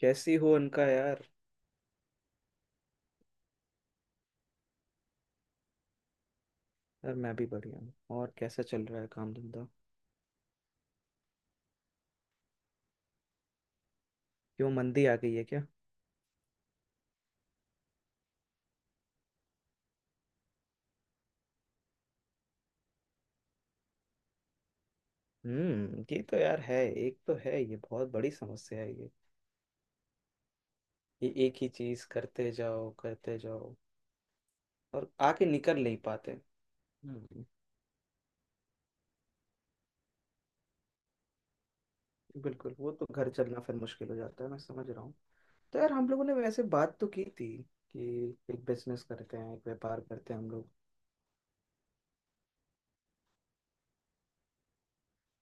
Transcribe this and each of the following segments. कैसी हो उनका यार। यार मैं भी बढ़िया हूँ। और कैसा चल रहा है काम धंधा। क्यों मंदी आ गई है क्या। हम्म, ये तो यार है। एक तो है ये बहुत बड़ी समस्या है ये। ये एक ही चीज करते जाओ और आके निकल नहीं पाते। हम्म। बिल्कुल वो तो घर चलना फिर मुश्किल हो जाता है, मैं समझ रहा हूँ। तो यार हम लोगों ने वैसे बात तो की थी कि एक बिजनेस करते हैं, एक व्यापार करते हैं हम लोग।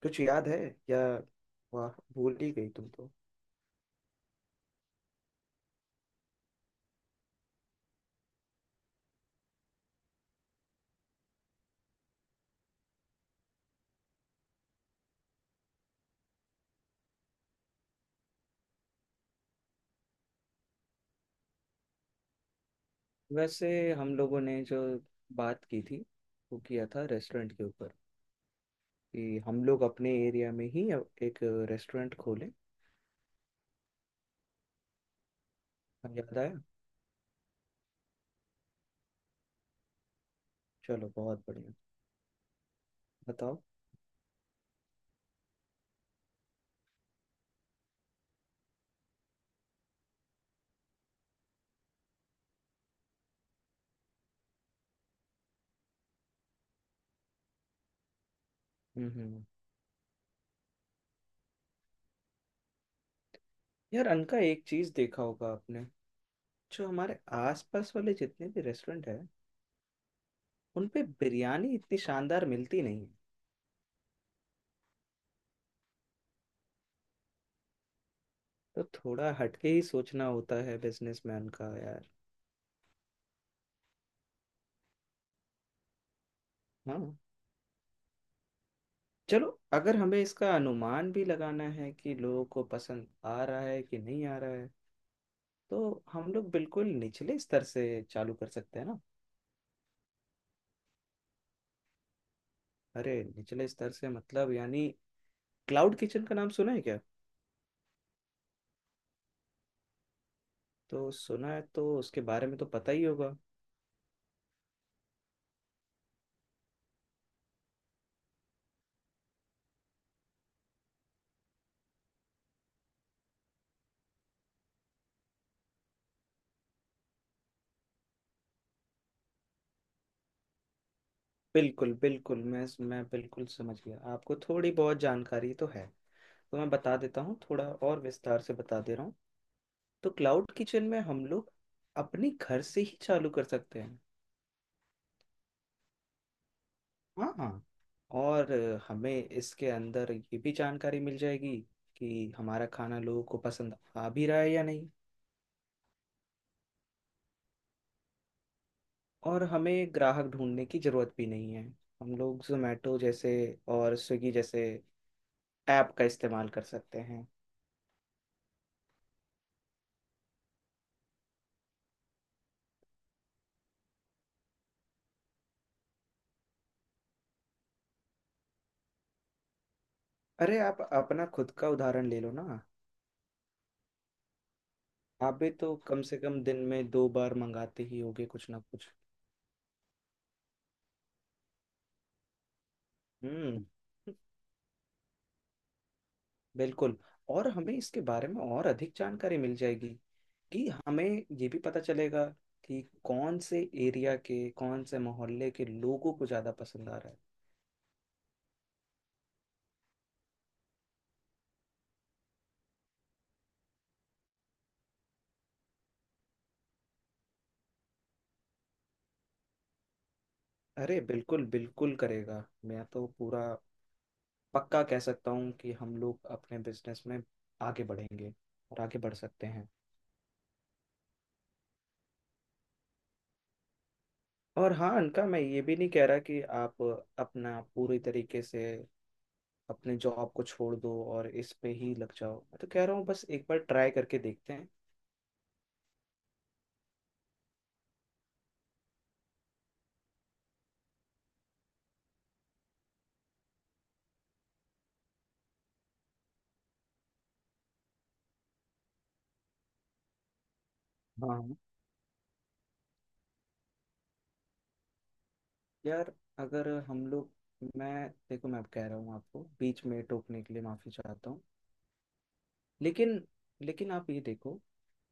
कुछ याद है या वाह भूल ही गई तुम तो। वैसे हम लोगों ने जो बात की थी वो किया था रेस्टोरेंट के ऊपर, कि हम लोग अपने एरिया में ही एक रेस्टोरेंट खोलें। हाँ, याद आया। चलो बहुत बढ़िया। बताओ। हम्म हम्म। यार अनका एक चीज़ देखा होगा आपने। जो हमारे आसपास वाले जितने भी रेस्टोरेंट हैं उन पे बिरयानी इतनी शानदार मिलती नहीं है। तो थोड़ा हटके ही सोचना होता है बिजनेसमैन का यार। हाँ। चलो, अगर हमें इसका अनुमान भी लगाना है कि लोगों को पसंद आ रहा है कि नहीं आ रहा है तो हम लोग बिल्कुल निचले स्तर से चालू कर सकते हैं ना। अरे निचले स्तर से मतलब यानी क्लाउड किचन का नाम सुना है क्या। तो सुना है तो उसके बारे में तो पता ही होगा। बिल्कुल बिल्कुल, मैं बिल्कुल समझ गया, आपको थोड़ी बहुत जानकारी तो है। तो मैं बता देता हूँ, थोड़ा और विस्तार से बता दे रहा हूँ। तो क्लाउड किचन में हम लोग अपने घर से ही चालू कर सकते हैं। हाँ हाँ। और हमें इसके अंदर ये भी जानकारी मिल जाएगी कि हमारा खाना लोगों को पसंद आ भी रहा है या नहीं। और हमें ग्राहक ढूंढने की जरूरत भी नहीं है। हम लोग जोमेटो जैसे और स्विगी जैसे ऐप का इस्तेमाल कर सकते हैं। अरे आप अपना खुद का उदाहरण ले लो ना। आप भी तो कम से कम दिन में दो बार मंगाते ही होगे कुछ ना कुछ। हम्म, बिल्कुल। और हमें इसके बारे में और अधिक जानकारी मिल जाएगी, कि हमें ये भी पता चलेगा कि कौन से एरिया के कौन से मोहल्ले के लोगों को ज़्यादा पसंद आ रहा है। अरे बिल्कुल बिल्कुल करेगा। मैं तो पूरा पक्का कह सकता हूँ कि हम लोग अपने बिजनेस में आगे बढ़ेंगे और आगे बढ़ सकते हैं। और हाँ अनका, मैं ये भी नहीं कह रहा कि आप अपना पूरी तरीके से अपने जॉब को छोड़ दो और इस पे ही लग जाओ, मैं तो कह रहा हूँ बस एक बार ट्राई करके देखते हैं। हाँ हाँ। यार अगर हम लोग, मैं, देखो, मैं अब कह रहा हूँ, आपको बीच में टोकने के लिए माफी चाहता हूँ। लेकिन, लेकिन आप ये देखो,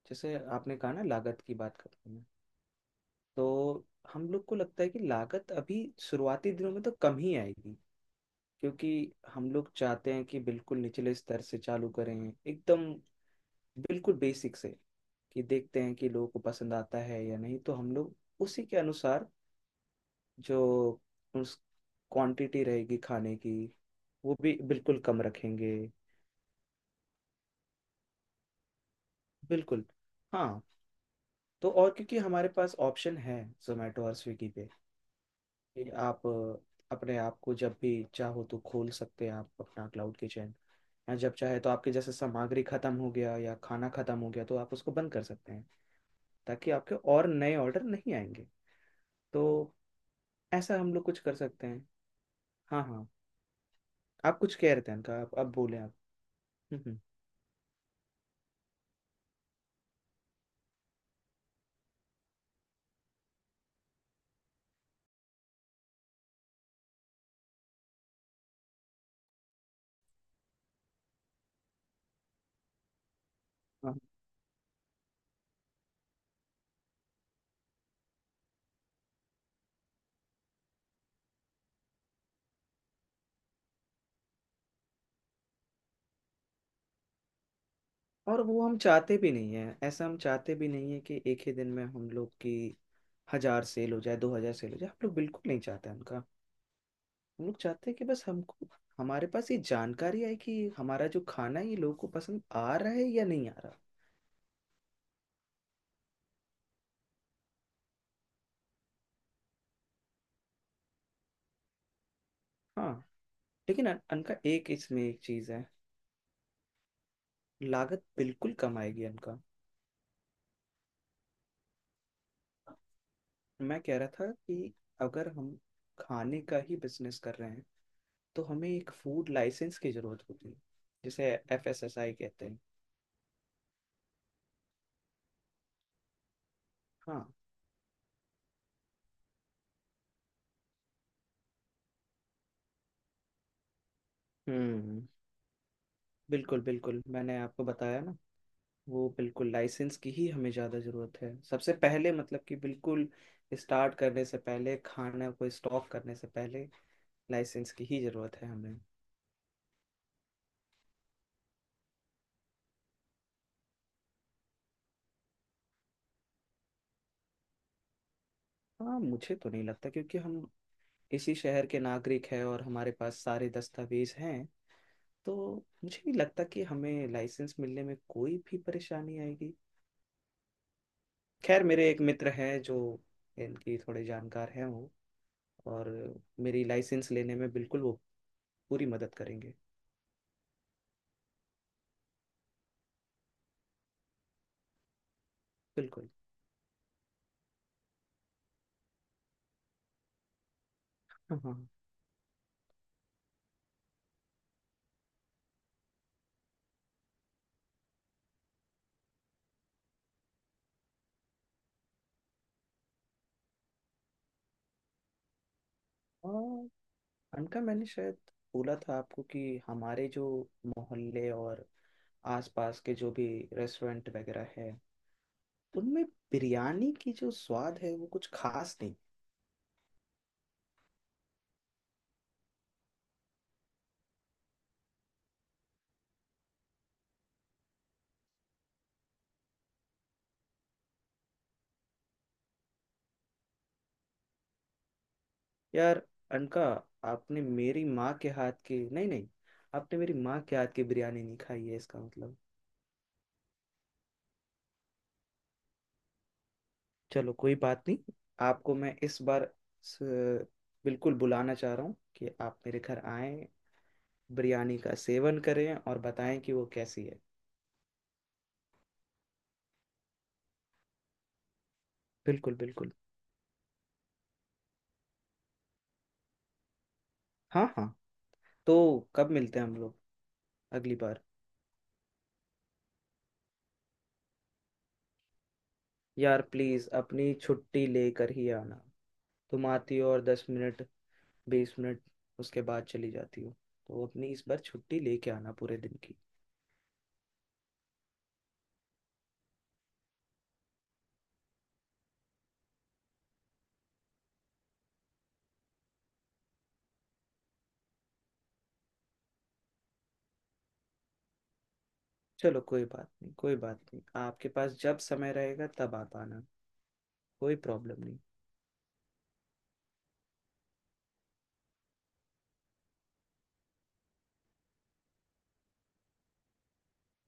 जैसे आपने कहा ना, लागत की बात करते हैं। तो हम लोग को लगता है कि लागत अभी शुरुआती दिनों में तो कम ही आएगी, क्योंकि हम लोग चाहते हैं कि बिल्कुल निचले स्तर से चालू करें, एकदम बिल्कुल बेसिक से। कि देखते हैं कि लोगों को पसंद आता है या नहीं, तो हम लोग उसी के अनुसार जो उस क्वांटिटी रहेगी खाने की वो भी बिल्कुल कम रखेंगे। बिल्कुल। हाँ। तो और क्योंकि हमारे पास ऑप्शन है जोमेटो और स्विगी पे, कि आप अपने आप को जब भी चाहो तो खोल सकते हैं आप अपना क्लाउड किचन, या जब चाहे तो आपके जैसे सामग्री खत्म हो गया या खाना खत्म हो गया तो आप उसको बंद कर सकते हैं, ताकि आपके और नए ऑर्डर नहीं आएंगे। तो ऐसा हम लोग कुछ कर सकते हैं। हाँ हाँ। आप कुछ कह रहे थे इनका, आप अब बोले आप। हम्म। हाँ, और वो हम चाहते भी नहीं है, ऐसा हम चाहते भी नहीं है कि एक ही दिन में हम लोग की हजार सेल हो जाए, 2,000 सेल हो जाए, हम लोग बिल्कुल नहीं चाहते हैं। हम लोग चाहते हैं कि बस हमको, हमारे पास ये जानकारी आए कि हमारा जो खाना है ये लोगों को पसंद आ रहा है या नहीं आ रहा। हाँ लेकिन अनका एक इसमें एक चीज़ है। लागत बिल्कुल कम आएगी अनका। मैं कह रहा था कि अगर हम खाने का ही बिजनेस कर रहे हैं तो हमें एक फूड लाइसेंस की जरूरत होती है, जिसे एफएसएसआई कहते हैं। हाँ। हम्म। बिल्कुल बिल्कुल, मैंने आपको बताया ना। वो बिल्कुल लाइसेंस की ही हमें ज़्यादा ज़रूरत है सबसे पहले, मतलब कि बिल्कुल स्टार्ट करने से पहले, खाना को स्टॉक करने से पहले लाइसेंस की ही ज़रूरत है हमें। हाँ मुझे तो नहीं लगता, क्योंकि हम इसी शहर के नागरिक हैं और हमारे पास सारे दस्तावेज हैं। तो मुझे नहीं लगता कि हमें लाइसेंस मिलने में कोई भी परेशानी आएगी। खैर मेरे एक मित्र हैं जो इनकी थोड़े जानकार हैं वो। और मेरी लाइसेंस लेने में बिल्कुल वो पूरी मदद करेंगे। बिल्कुल। हाँ हाँ, उनका मैंने शायद बोला था आपको कि हमारे जो मोहल्ले और आसपास के जो भी रेस्टोरेंट वगैरह है उनमें बिरयानी की जो स्वाद है वो कुछ खास नहीं। यार अनका, आपने मेरी माँ के हाथ की, नहीं नहीं, आपने मेरी माँ के हाथ की बिरयानी नहीं खाई है इसका मतलब। चलो कोई बात नहीं। आपको मैं इस बार स- बिल्कुल बुलाना चाह रहा हूँ कि आप मेरे घर आएं, बिरयानी का सेवन करें और बताएं कि वो कैसी है। बिल्कुल बिल्कुल। हाँ हाँ। तो कब मिलते हैं हम लोग अगली बार। यार प्लीज अपनी छुट्टी लेकर ही आना। तुम आती हो और 10 मिनट, 20 मिनट, उसके बाद चली जाती हो। तो अपनी इस बार छुट्टी लेके आना पूरे दिन की। चलो कोई बात नहीं, कोई बात नहीं, आपके पास जब समय रहेगा तब आप आना। कोई प्रॉब्लम नहीं।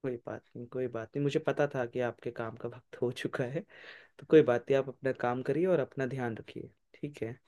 कोई बात नहीं, कोई बात नहीं, मुझे पता था कि आपके काम का वक्त हो चुका है। तो कोई बात नहीं, आप अपना काम करिए और अपना ध्यान रखिए। ठीक है।